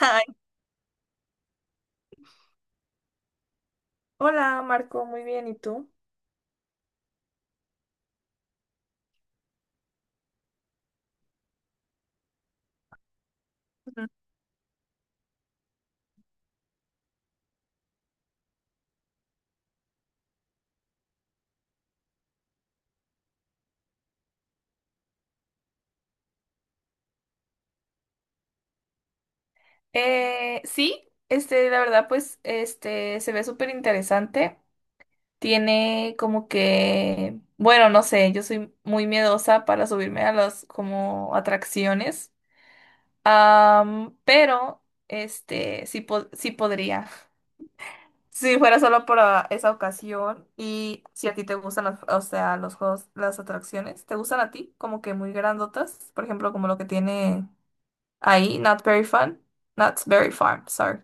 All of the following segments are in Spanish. Ay, hola Marco, muy bien, ¿y tú? Ujú. Sí, este, la verdad, pues, este, se ve súper interesante. Tiene como que, bueno, no sé, yo soy muy miedosa para subirme a las como atracciones. Pero, este, sí, sí podría. Si fuera solo para esa ocasión y si a ti te gustan las, o sea, los juegos, las atracciones, ¿te gustan a ti? Como que muy grandotas, por ejemplo, como lo que tiene. Ahí, Not Very Fun. Not Very Farm, sorry.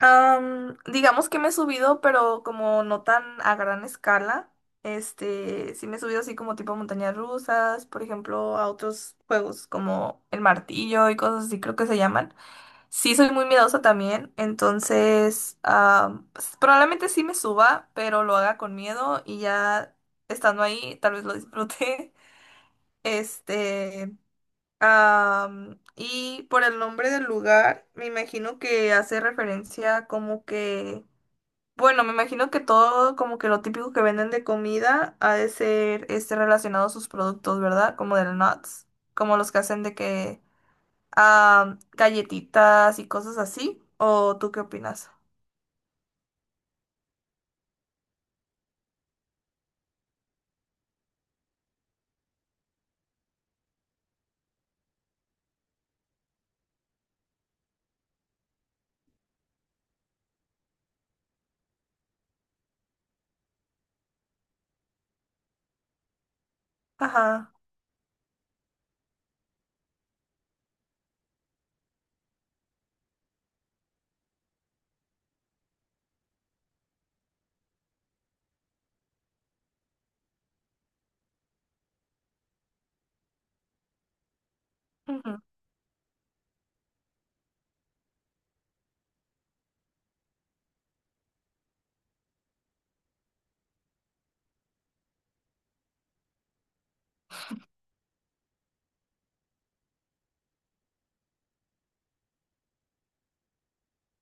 Digamos que me he subido, pero como no tan a gran escala. Este, sí me he subido así como tipo a montañas rusas, por ejemplo, a otros juegos como el martillo y cosas así creo que se llaman. Sí soy muy miedosa también, entonces pues, probablemente sí me suba, pero lo haga con miedo y ya estando ahí tal vez lo disfrute. Este, y por el nombre del lugar, me imagino que hace referencia como que, bueno, me imagino que todo como que lo típico que venden de comida ha de ser este relacionado a sus productos, ¿verdad? Como del nuts, como los que hacen de que galletitas y cosas así. ¿O tú qué opinas? Ajá.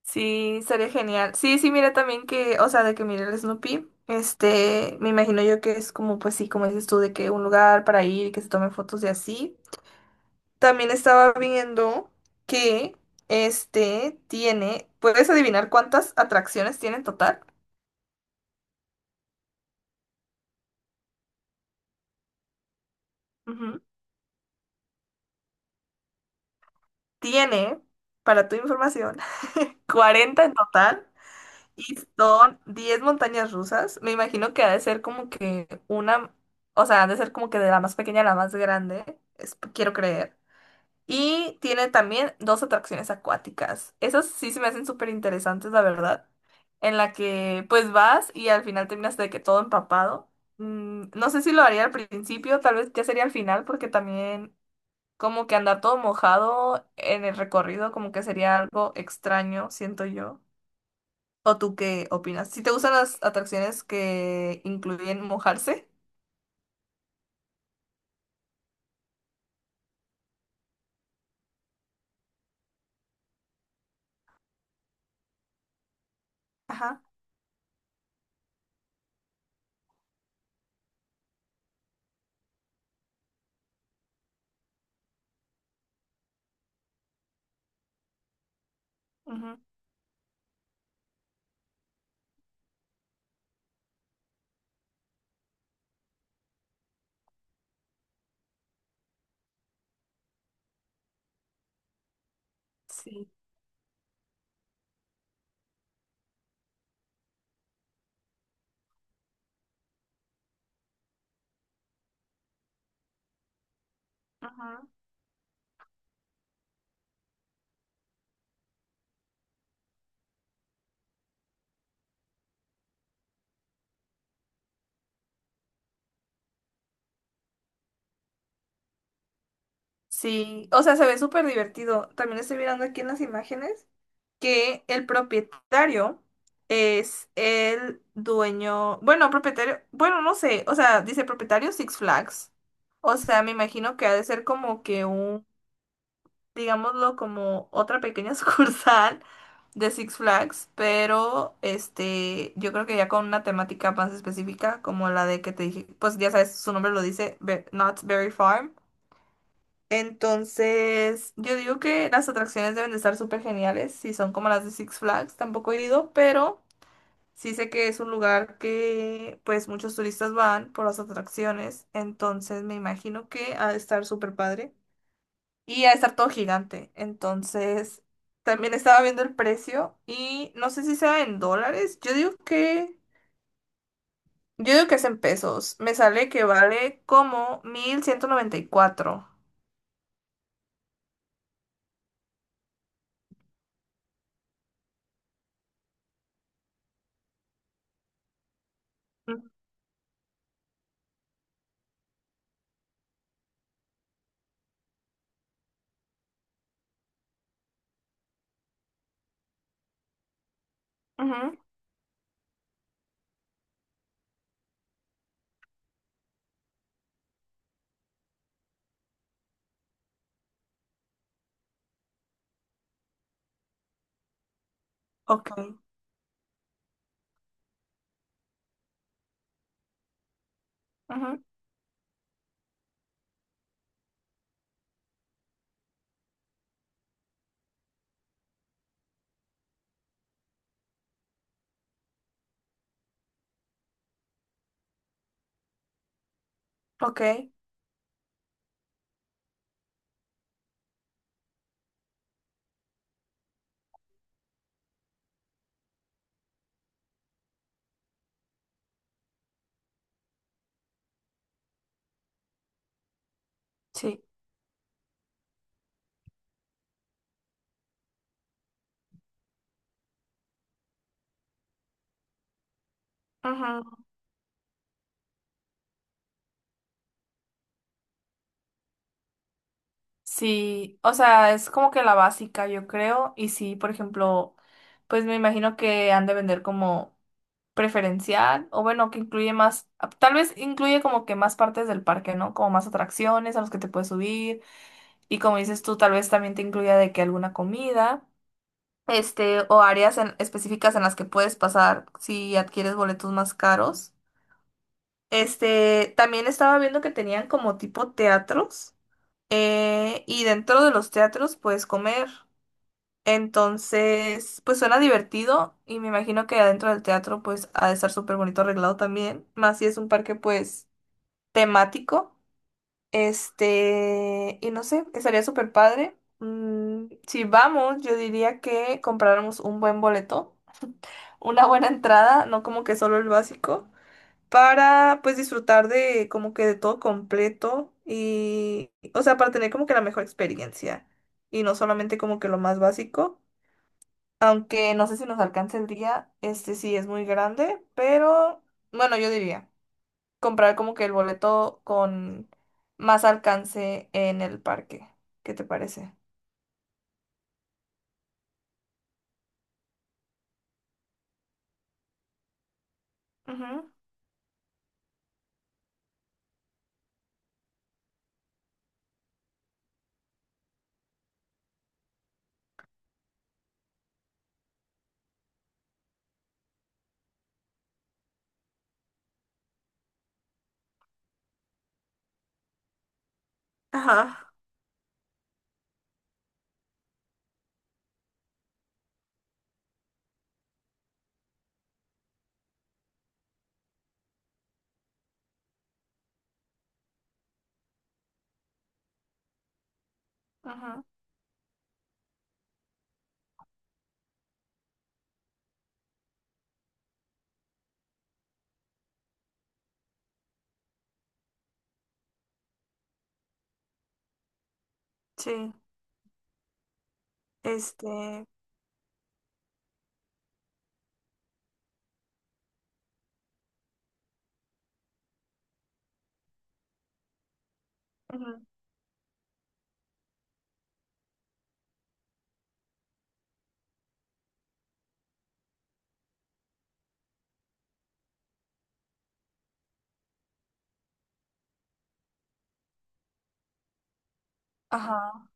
Sí, sería genial. Sí, sí, mira también que, o sea, de que mire el Snoopy, este, me imagino yo que es como, pues sí, como dices tú, de que un lugar para ir y que se tomen fotos y así. También estaba viendo que, este, tiene, ¿puedes adivinar cuántas atracciones tiene en total? Ujú. Tiene, para tu información, 40 en total y son 10 montañas rusas. Me imagino que ha de ser como que una, o sea, ha de ser como que de la más pequeña a la más grande, quiero creer. Y tiene también dos atracciones acuáticas. Esas sí se me hacen súper interesantes, la verdad. En la que pues vas y al final terminas de que todo empapado. Mm, no sé si lo haría al principio, tal vez ya sería al final, porque también como que andar todo mojado en el recorrido como que sería algo extraño, siento yo. ¿O tú qué opinas? Si te gustan las atracciones que incluyen mojarse. Ajá. Ujú. Sí. Ujú. Sí, o sea, se ve súper divertido. También estoy mirando aquí en las imágenes que el propietario es el dueño, bueno, propietario, bueno, no sé, o sea, dice propietario Six Flags. O sea, me imagino que ha de ser como que un, digámoslo, como otra pequeña sucursal de Six Flags, pero este, yo creo que ya con una temática más específica como la de que te dije, pues ya sabes, su nombre lo dice, Knott's Berry Farm. Entonces, yo digo que las atracciones deben de estar súper geniales, si son como las de Six Flags, tampoco he ido, pero sí sé que es un lugar que pues muchos turistas van por las atracciones, entonces me imagino que ha de estar súper padre y ha de estar todo gigante. Entonces, también estaba viendo el precio y no sé si sea en dólares, yo digo que es en pesos, me sale que vale como 1,194. Ujú. Ok. Ujú. Ok, sí. Ujú. Sí, o sea, es como que la básica, yo creo. Y sí, por ejemplo, pues me imagino que han de vender como preferencial, o bueno, que incluye más, tal vez incluye como que más partes del parque, ¿no? Como más atracciones a los que te puedes subir. Y como dices tú, tal vez también te incluya de que alguna comida, este, o áreas específicas en las que puedes pasar si adquieres boletos más caros. Este, también estaba viendo que tenían como tipo teatros. Y dentro de los teatros puedes comer. Entonces, pues suena divertido y me imagino que adentro del teatro pues ha de estar súper bonito arreglado también. Más si es un parque pues temático. Este, y no sé, estaría súper padre. Mm, si vamos, yo diría que compráramos un buen boleto, una buena entrada, no como que solo el básico para pues disfrutar de como que de todo completo y, o sea, para tener como que la mejor experiencia y no solamente como que lo más básico, aunque no sé si nos alcance el día, este sí es muy grande, pero bueno, yo diría comprar como que el boleto con más alcance en el parque. ¿Qué te parece? Ujú. Ajá, ajá, sí, este, ujú, ajá.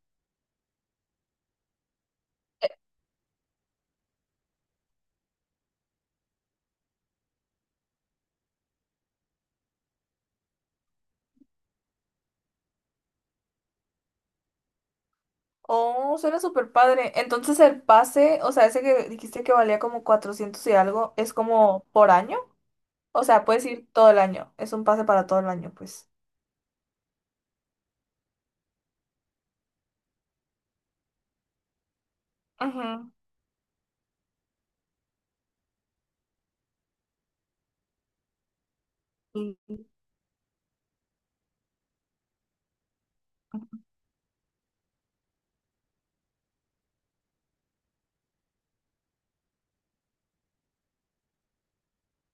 Oh, suena súper padre. Entonces el pase, o sea, ese que dijiste que valía como 400 y algo, ¿es como por año? O sea, puedes ir todo el año. Es un pase para todo el año, pues. Ujú. Sí.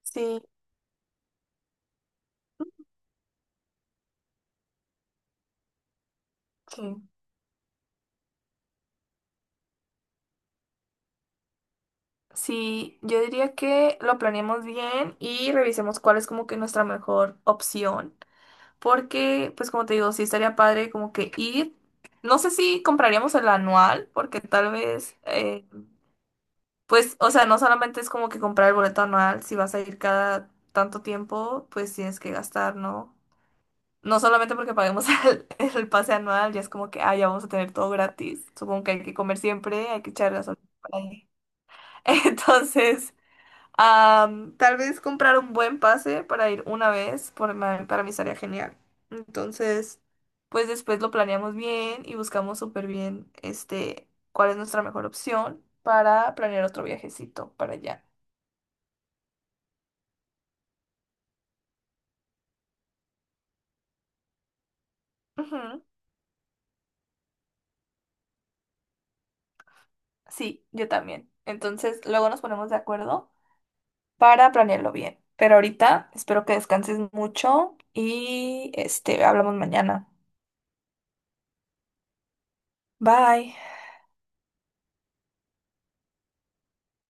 Sí, sí. Sí, yo diría que lo planeemos bien y revisemos cuál es como que nuestra mejor opción. Porque, pues como te digo, sí estaría padre como que ir. No sé si compraríamos el anual, porque tal vez pues, o sea, no solamente es como que comprar el boleto anual, si vas a ir cada tanto tiempo, pues tienes que gastar, ¿no? No solamente porque paguemos el pase anual, ya es como que, ah, ya vamos a tener todo gratis. Supongo que hay que comer siempre, hay que echar gasolina por ahí. Entonces, tal vez comprar un buen pase para ir una vez, por, para mí estaría genial. Entonces, pues después lo planeamos bien y buscamos súper bien, este, cuál es nuestra mejor opción para planear otro viajecito para allá. Ujú. Sí, yo también. Entonces, luego nos ponemos de acuerdo para planearlo bien. Pero ahorita espero que descanses mucho y este, hablamos mañana. Bye.